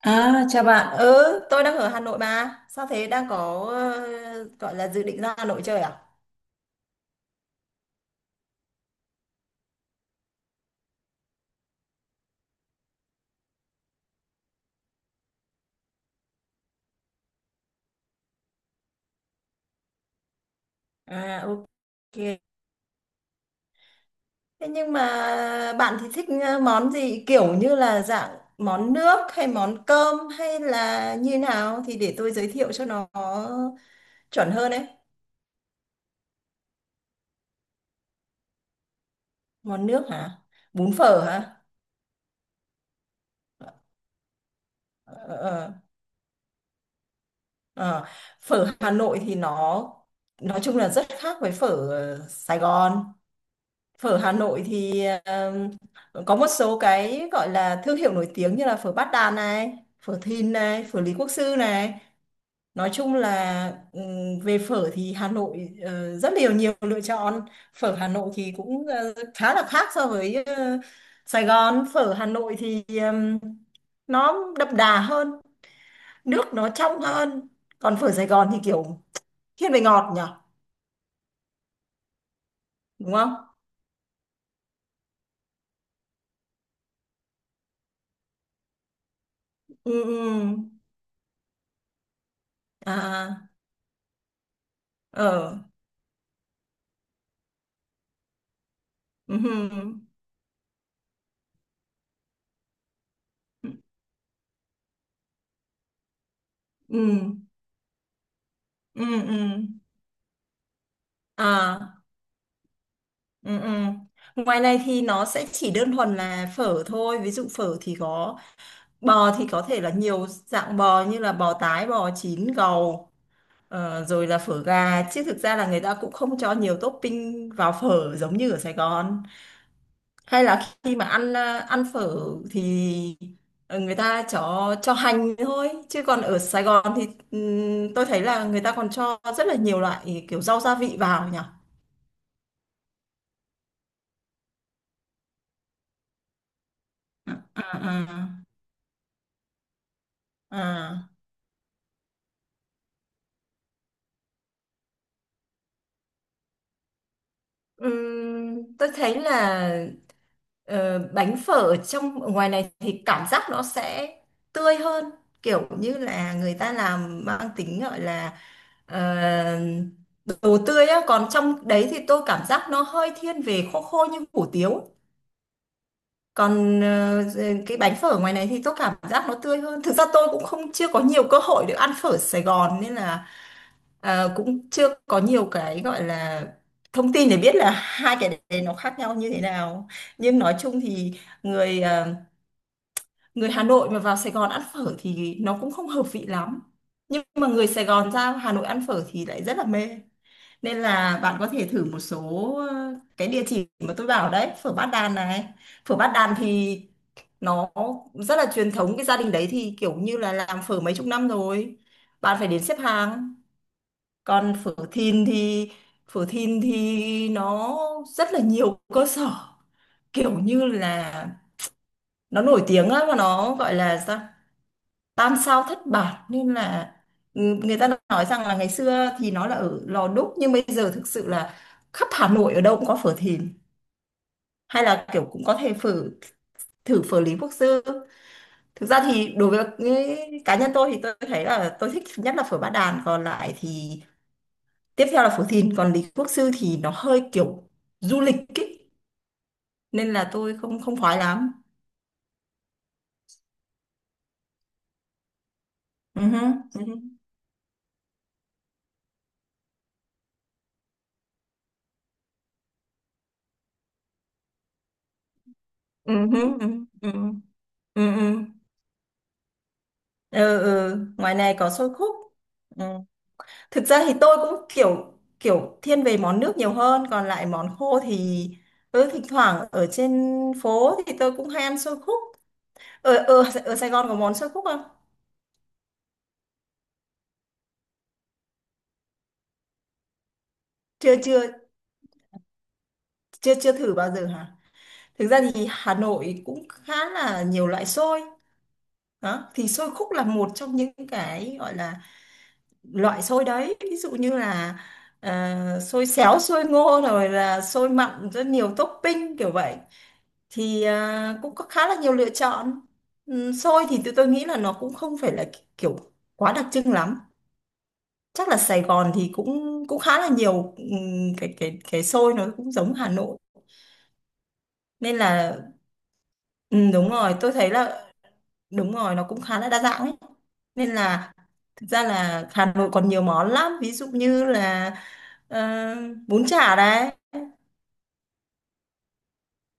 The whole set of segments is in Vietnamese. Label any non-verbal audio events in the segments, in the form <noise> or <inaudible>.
À, chào bạn. Ừ, tôi đang ở Hà Nội mà. Sao thế, đang có gọi là dự định ra Hà Nội chơi à? À, ok. Thế nhưng mà bạn thì thích món gì, kiểu như là dạng món nước hay món cơm hay là như nào, thì để tôi giới thiệu cho nó chuẩn hơn đấy. Món nước hả? Bún phở hả? Ờ, ờ, ờ. Ờ, Phở Hà Nội thì nó nói chung là rất khác với phở Sài Gòn. Phở Hà Nội thì có một số cái gọi là thương hiệu nổi tiếng như là phở Bát Đàn này, phở Thìn này, phở Lý Quốc Sư này. Nói chung là về phở thì Hà Nội rất nhiều nhiều lựa chọn. Phở Hà Nội thì cũng khá là khác so với Sài Gòn. Phở Hà Nội thì nó đậm đà hơn, nước nó trong hơn. Còn phở Sài Gòn thì kiểu thiên về ngọt nhỉ, đúng không? Ừ, ừ. Ừ. À, ờ. Ừ. ừ ừ. À. Ừ. Ngoài này thì nó sẽ chỉ đơn thuần là phở thôi, ví dụ phở thì có bò thì có thể là nhiều dạng bò như là bò tái, bò chín, gầu, rồi là phở gà, chứ thực ra là người ta cũng không cho nhiều topping vào phở giống như ở Sài Gòn hay là khi mà ăn ăn phở thì người ta cho hành thôi, chứ còn ở Sài Gòn thì tôi thấy là người ta còn cho rất là nhiều loại kiểu rau gia vị vào nhỉ. À, à. À, tôi thấy là bánh phở ở ngoài này thì cảm giác nó sẽ tươi hơn, kiểu như là người ta làm mang tính gọi là ờ, đồ tươi á, còn trong đấy thì tôi cảm giác nó hơi thiên về khô, khô như hủ tiếu. Còn cái bánh phở ngoài này thì tôi cảm giác nó tươi hơn. Thực ra tôi cũng không chưa có nhiều cơ hội được ăn phở Sài Gòn nên là cũng chưa có nhiều cái gọi là thông tin để biết là hai cái đấy nó khác nhau như thế nào. Nhưng nói chung thì người ờ, người Hà Nội mà vào Sài Gòn ăn phở thì nó cũng không hợp vị lắm, nhưng mà người Sài Gòn ra Hà Nội ăn phở thì lại rất là mê. Nên là bạn có thể thử một số cái địa chỉ mà tôi bảo đấy, phở Bát Đàn này. Phở Bát Đàn thì nó rất là truyền thống, cái gia đình đấy thì kiểu như là làm phở mấy chục năm rồi. Bạn phải đến xếp hàng. Còn phở Thìn thì nó rất là nhiều cơ sở, kiểu như là nó nổi tiếng á, và nó gọi là sao? Tam sao thất bản, nên là ừ, người ta nói rằng là ngày xưa thì nó là ở Lò Đúc, nhưng bây giờ thực sự là khắp Hà Nội ở đâu cũng có phở Thìn. Hay là kiểu cũng có thể thử phở Lý Quốc Sư. Thực ra thì đối với cá nhân tôi thì tôi thấy là tôi thích nhất là phở Bát Đàn, còn lại thì tiếp theo là phở Thìn, còn Lý Quốc Sư thì nó hơi kiểu du lịch ý. Nên là tôi không không khoái lắm. Ừ hứ, ừ hứ, ừ hứ, ừ hứ, ừ hứ, ừ hứ. Ừ. Ngoài này có xôi khúc. Ừ. Thực ra thì tôi cũng kiểu kiểu thiên về món nước nhiều hơn, còn lại món khô thì ừ, thỉnh thoảng ở trên phố thì tôi cũng hay ăn xôi khúc. Ở ở ở Sài Gòn có món xôi khúc không? Chưa chưa chưa chưa thử bao giờ hả? Thực ra thì Hà Nội cũng khá là nhiều loại xôi đó, thì xôi khúc là một trong những cái gọi là loại xôi đấy, ví dụ như là xôi xéo, xôi ngô, rồi là xôi mặn, rất nhiều topping kiểu vậy, thì à, cũng có khá là nhiều lựa chọn. Xôi thì tụi tôi nghĩ là nó cũng không phải là kiểu quá đặc trưng lắm, chắc là Sài Gòn thì cũng cũng khá là nhiều, cái xôi nó cũng giống Hà Nội. Nên là đúng rồi, tôi thấy là đúng rồi, nó cũng khá là đa dạng ấy. Nên là thực ra là Hà Nội còn nhiều món lắm, ví dụ như là ờ, bún chả đấy.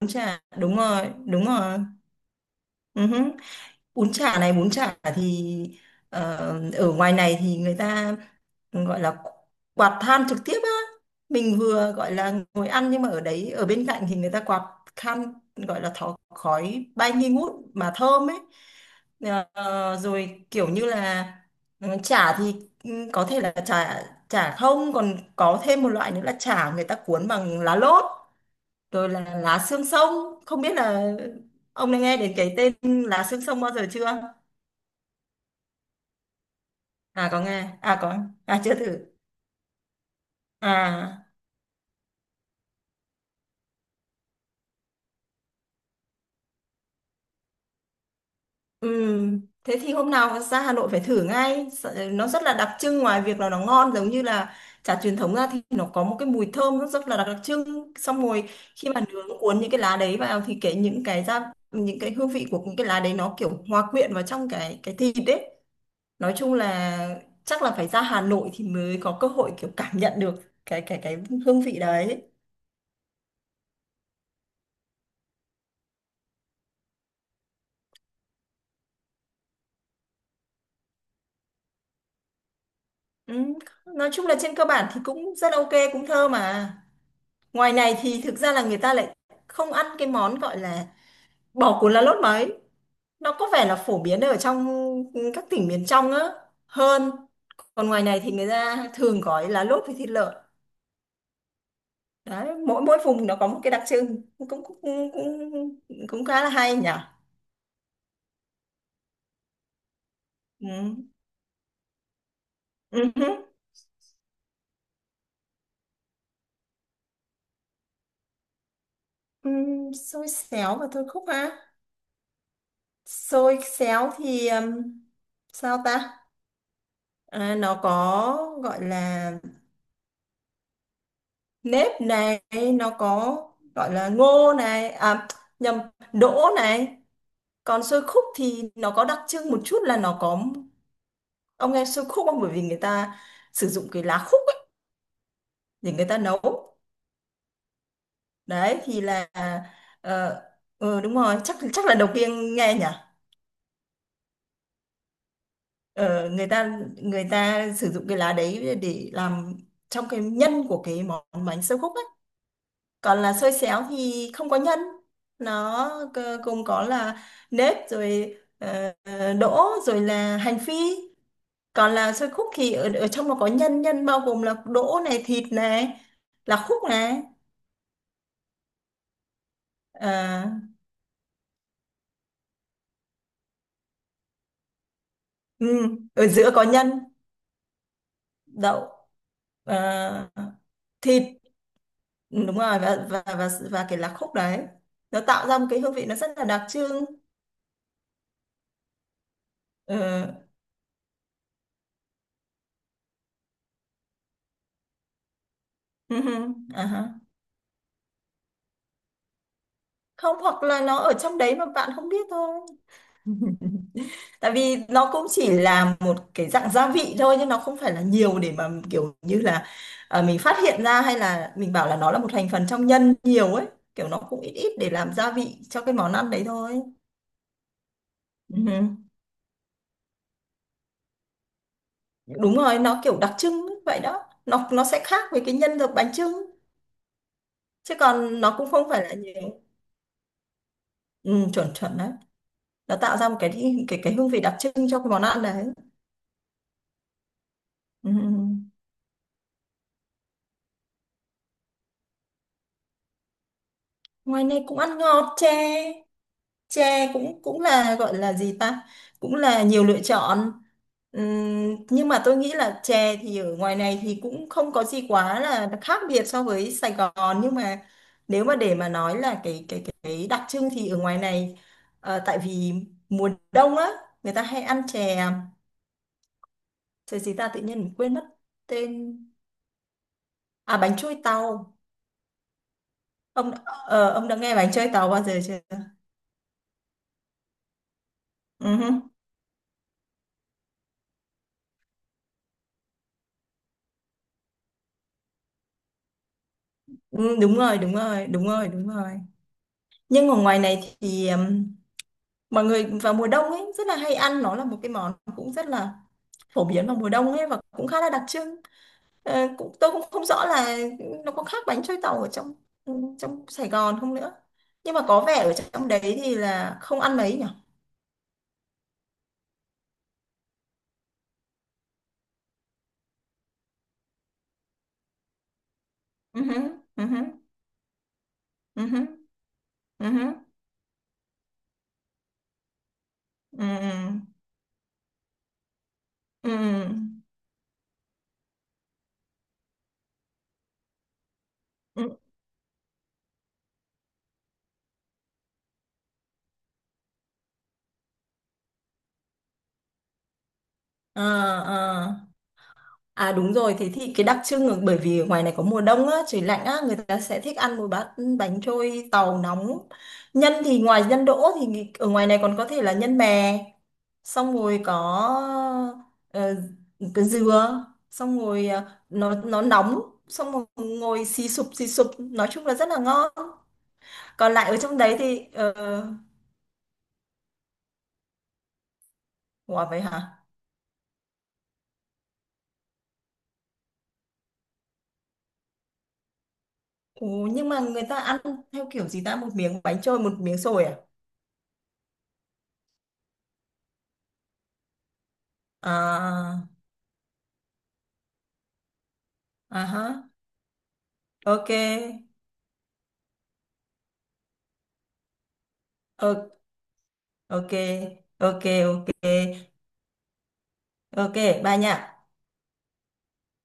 Bún chả, đúng rồi, đúng rồi. Ừ hứ. Bún chả thì ờ, ở ngoài này thì người ta gọi là quạt than trực tiếp á, mình vừa gọi là ngồi ăn nhưng mà ở đấy, ở bên cạnh thì người ta quạt than, gọi là thó, khói bay nghi ngút mà thơm ấy. Ờ, rồi kiểu như là ừ, chả thì ừ, có thể là chả chả không, còn có thêm một loại nữa là chả người ta cuốn bằng lá lốt, rồi là lá xương sông, không biết là ông đã nghe đến cái tên lá xương sông bao giờ chưa. À có nghe, à chưa thử. À, thế thì hôm nào ra Hà Nội phải thử ngay. Nó rất là đặc trưng, ngoài việc là nó ngon giống như là chả truyền thống ra, thì nó có một cái mùi thơm rất là đặc trưng. Xong rồi khi mà nướng cuốn những cái lá đấy vào thì cái những cái ra những cái hương vị của những cái lá đấy nó kiểu hòa quyện vào trong cái thịt đấy. Nói chung là chắc là phải ra Hà Nội thì mới có cơ hội kiểu cảm nhận được cái hương vị đấy. Ừ, nói chung là trên cơ bản thì cũng rất ok, cũng thơm mà. Ngoài này thì thực ra là người ta lại không ăn cái món gọi là bò cuốn lá lốt mấy. Nó có vẻ là phổ biến ở trong các tỉnh miền trong á hơn. Còn ngoài này thì người ta thường gói lá lốt với thịt lợn. Đấy, mỗi mỗi vùng nó có một cái đặc trưng, cũng cũng cũng cũng, cũng khá là hay nhỉ. Ừ. Ừ. Ừ. Xôi xéo và thôi khúc ha. Xôi xéo thì sao ta? À, nó có gọi là nếp này, nó có gọi là ngô này à nhầm đỗ này. Còn xôi khúc thì nó có đặc trưng một chút là nó có, ông nghe xôi khúc không, bởi vì người ta sử dụng cái lá khúc ấy để người ta nấu, đấy thì là ờ. Ừ, đúng rồi, chắc chắc là đầu tiên nghe nhỉ. Ờ, người ta sử dụng cái lá đấy để làm trong cái nhân của cái món bánh xôi khúc. Còn là xôi xéo thì không có nhân, nó gồm có là nếp rồi đỗ rồi là hành phi. Còn là xôi khúc thì ở, ở trong nó có nhân, nhân bao gồm là đỗ này, thịt này, là khúc này. Ờ, ừ, ở giữa có nhân đậu, ờ, thịt. Ừ, đúng rồi, và cái lá khúc đấy nó tạo ra một cái hương vị nó rất là đặc trưng. Ờ, ừ, hừ, à ha. Không, hoặc là nó ở trong đấy mà bạn không biết thôi. <laughs> Tại vì nó cũng chỉ là một cái dạng gia vị thôi, nhưng nó không phải là nhiều để mà kiểu như là mình phát hiện ra, hay là mình bảo là nó là một thành phần trong nhân nhiều ấy, kiểu nó cũng ít ít để làm gia vị cho cái món ăn đấy thôi. Ừ. Đúng rồi, nó kiểu đặc trưng ấy, vậy đó, nó sẽ khác với cái nhân được bánh chưng, chứ còn nó cũng không phải là nhiều. Ừ, chuẩn chuẩn đấy, nó tạo ra một cái cái hương vị đặc trưng cho cái món ăn đấy. Ừ. Ngoài này cũng ăn ngọt, chè tre cũng cũng là gọi là gì ta, cũng là nhiều lựa chọn. Nhưng mà tôi nghĩ là chè thì ở ngoài này thì cũng không có gì quá là khác biệt so với Sài Gòn, nhưng mà nếu mà để mà nói là cái đặc trưng thì ở ngoài này tại vì mùa đông á, người ta hay ăn chè. Chè gì ta, tự nhiên mình quên mất tên. À, bánh trôi tàu. Ông đã nghe bánh trôi tàu bao giờ chưa? Ừ, hứ. Ừ, đúng rồi, đúng rồi. Nhưng ở ngoài này thì mọi người vào mùa đông ấy rất là hay ăn, nó là một cái món cũng rất là phổ biến vào mùa đông ấy, và cũng khá là đặc trưng. Ờ, cũng tôi cũng không rõ là nó có khác bánh trôi tàu ở ừ, trong Sài Gòn không nữa. Nhưng mà có vẻ ở trong đấy thì là không ăn mấy nhỉ? Ừ hứ, ừ hứ, ừ hứ, ừ hứ, ừ, ừ, ừ, ừ. Ờ, ờ. À đúng rồi, thế thì cái đặc trưng là bởi vì ngoài này có mùa đông á, trời lạnh á, người ta sẽ thích ăn một bát bánh trôi tàu nóng. Nhân thì ngoài nhân đỗ thì ở ngoài này còn có thể là nhân mè, xong rồi có ờ, cái dừa, xong rồi ờ, nó nóng, xong rồi ngồi xì sụp, nói chung là rất là ngon. Còn lại ở trong đấy thì ủa vậy hả? Ồ, nhưng mà người ta ăn theo kiểu gì ta, một miếng bánh trôi một miếng xôi à? À, à ha. Ok. Ok. Ok. Ok. Ok. Ok. Bye nha.